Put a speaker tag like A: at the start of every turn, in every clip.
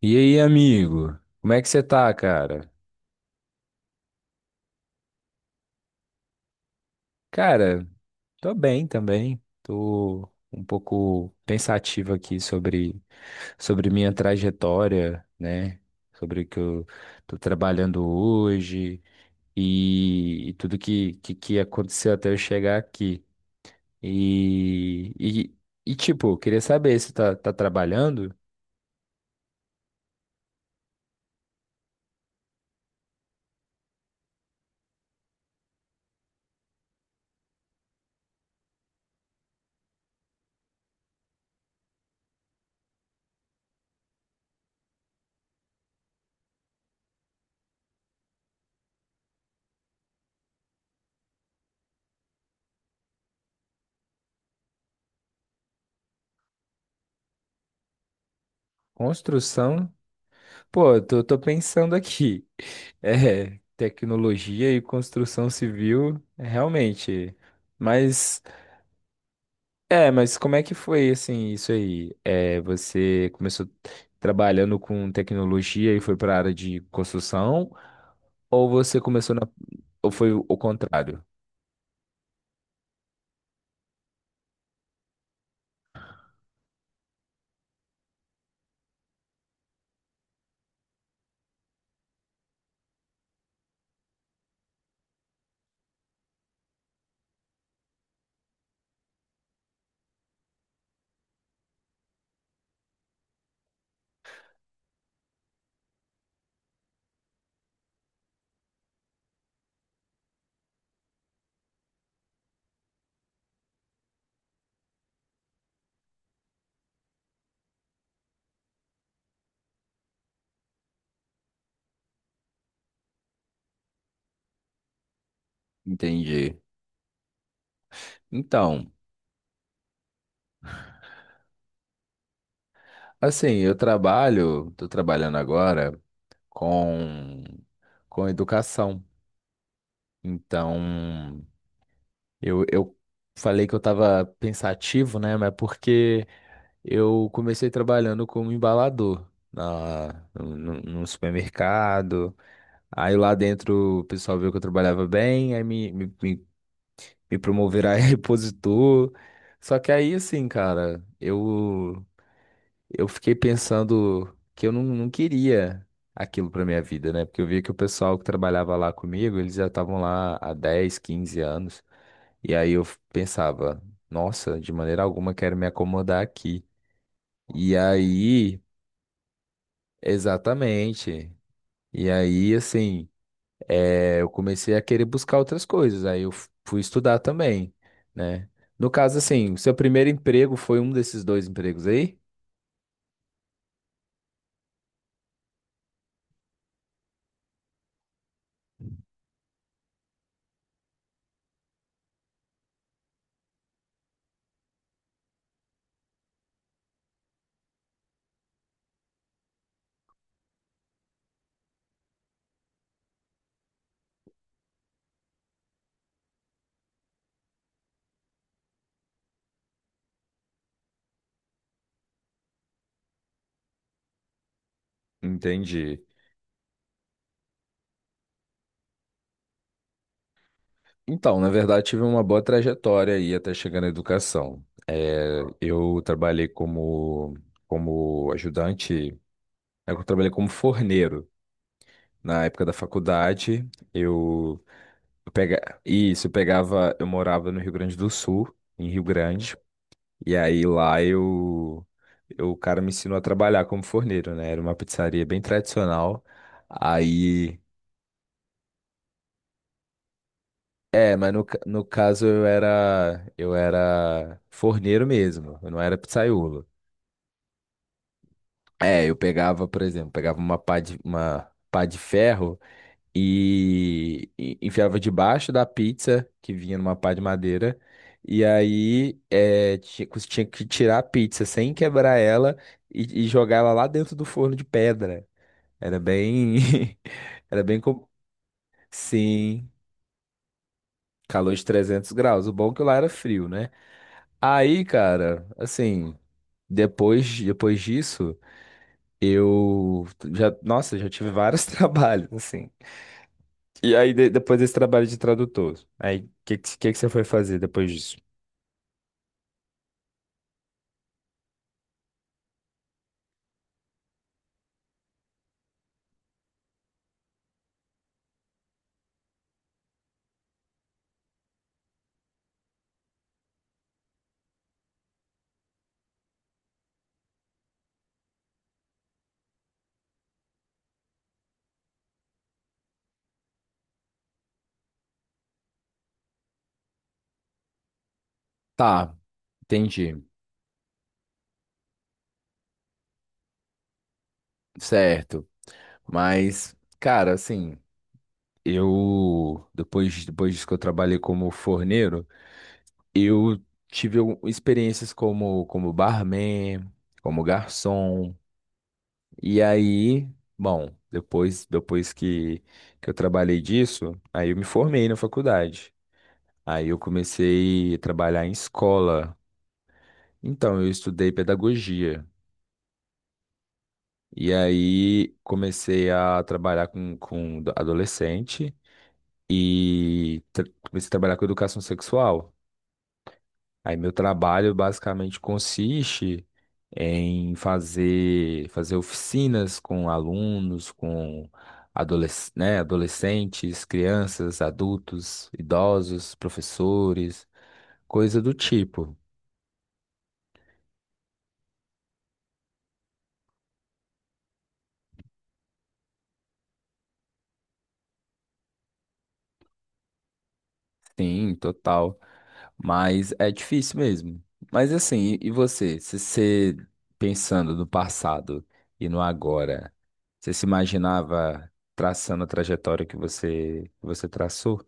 A: E aí, amigo? Como é que você tá, cara? Cara, tô bem também. Tô um pouco pensativo aqui sobre minha trajetória, né? Sobre o que eu tô trabalhando hoje e tudo que aconteceu até eu chegar aqui. E, e, eu queria saber se tá trabalhando? Construção? Pô, eu tô pensando aqui. É, tecnologia e construção civil, é, realmente. Mas, é, mas como é que foi, assim, isso aí? É, você começou trabalhando com tecnologia e foi para a área de construção? Ou você começou na... Ou foi o contrário? Entendi. Então, assim, eu trabalho, tô trabalhando agora com, com educação. Então... Eu falei que eu estava pensativo, né? Mas porque eu comecei trabalhando como embalador na, num, num- supermercado. Aí lá dentro o pessoal viu que eu trabalhava bem, aí me promoveram a repositor. Só que aí, assim, cara, eu fiquei pensando que eu não queria aquilo pra minha vida, né? Porque eu via que o pessoal que trabalhava lá comigo, eles já estavam lá há 10, 15 anos. E aí eu pensava, nossa, de maneira alguma quero me acomodar aqui. E aí, exatamente. E aí, assim, eu comecei a querer buscar outras coisas. Fui estudar também, né? No caso, assim, o seu primeiro emprego foi um desses dois empregos aí? Entendi. Então, na verdade, tive uma boa trajetória aí até chegar na educação. Eu trabalhei como, como ajudante, eu trabalhei como forneiro. Na época da faculdade, eu, Isso, eu pegava, eu morava no Rio Grande do Sul, em Rio Grande, e aí lá o cara me ensinou a trabalhar como forneiro, né? Era uma pizzaria bem tradicional. Aí, é, mas no caso eu era forneiro mesmo, eu não era pizzaiolo. É, eu pegava, por exemplo, pegava uma uma pá de ferro e enfiava debaixo da pizza que vinha numa pá de madeira. E aí é, tinha, você tinha que tirar a pizza sem quebrar ela e jogar ela lá dentro do forno de pedra. Era bem. Era bem. com- Sim, calor de 300 graus. O bom é que lá era frio, né? Aí, cara, assim, depois disso, eu já. Nossa, já tive vários trabalhos, assim. E aí, depois desse trabalho de tradutor, aí o que você foi fazer depois disso? Tá, entendi. Certo. Mas, cara, assim, eu depois disso que eu trabalhei como forneiro, eu tive experiências como barman, como garçom. E aí, bom, depois que eu trabalhei disso, aí eu me formei na faculdade. Aí eu comecei a trabalhar em escola. Então, eu estudei pedagogia. E aí comecei a trabalhar com adolescente e comecei a trabalhar com educação sexual. Aí meu trabalho basicamente consiste em fazer oficinas com alunos, com né, adolescentes, crianças, adultos, idosos, professores, coisa do tipo. Sim, total. Mas é difícil mesmo. Mas assim, e você? Se você pensando no passado e no agora, você se imaginava traçando a trajetória que que você traçou?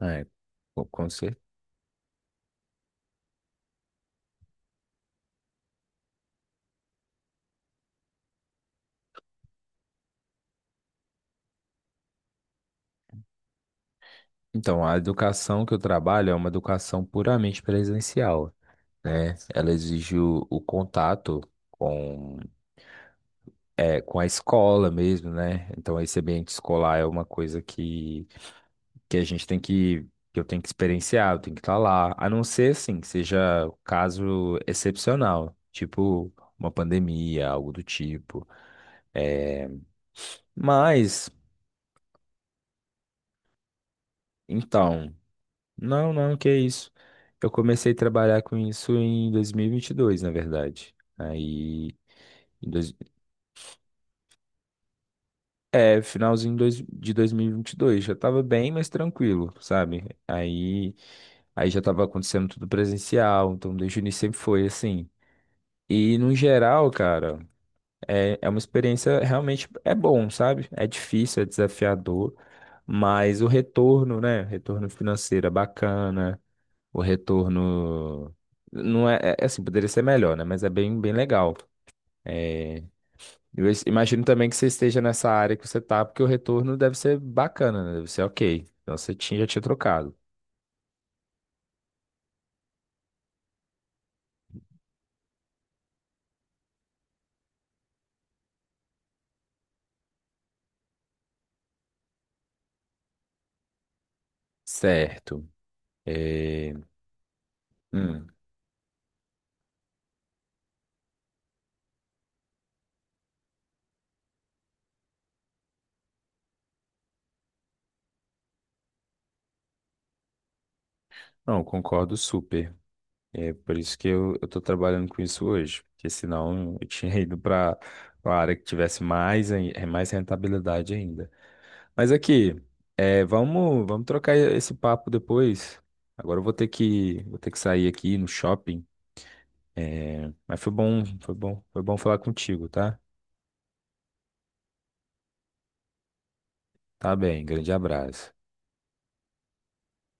A: É, com com cer- Então, a educação que eu trabalho é uma educação puramente presencial, né? Ela exige o contato com, é, com a escola mesmo, né? Então, esse ambiente escolar é uma coisa que a gente tem que eu tenho que experienciar, eu tenho que estar lá. A não ser, assim, que seja um caso excepcional, tipo uma pandemia, algo do tipo. Mas, então, não, que isso. Eu comecei a trabalhar com isso em 2022, na verdade. Aí, em dois, é, finalzinho dois- de 2022, já estava bem mais tranquilo, sabe? Aí já estava acontecendo tudo presencial, então desde o início sempre foi assim. E no geral, cara. É, é uma experiência realmente é bom, sabe? É difícil, é desafiador, mas o retorno, né? Retorno financeiro é bacana, o retorno não é, é é assim, poderia ser melhor, né? Mas é bem legal. É, imagino também que você esteja nessa área que você tá, porque o retorno deve ser bacana, né? Deve ser ok. Então você tinha, já tinha trocado. Certo. É, hum, não, concordo super. É por isso que eu tô trabalhando com isso hoje, porque senão eu tinha ido para uma área que tivesse mais, mais rentabilidade ainda. Mas aqui, é, vamos trocar esse papo depois. Agora eu vou ter vou ter que sair aqui no shopping. Mas foi foi bom falar contigo, tá? Tá bem, grande abraço.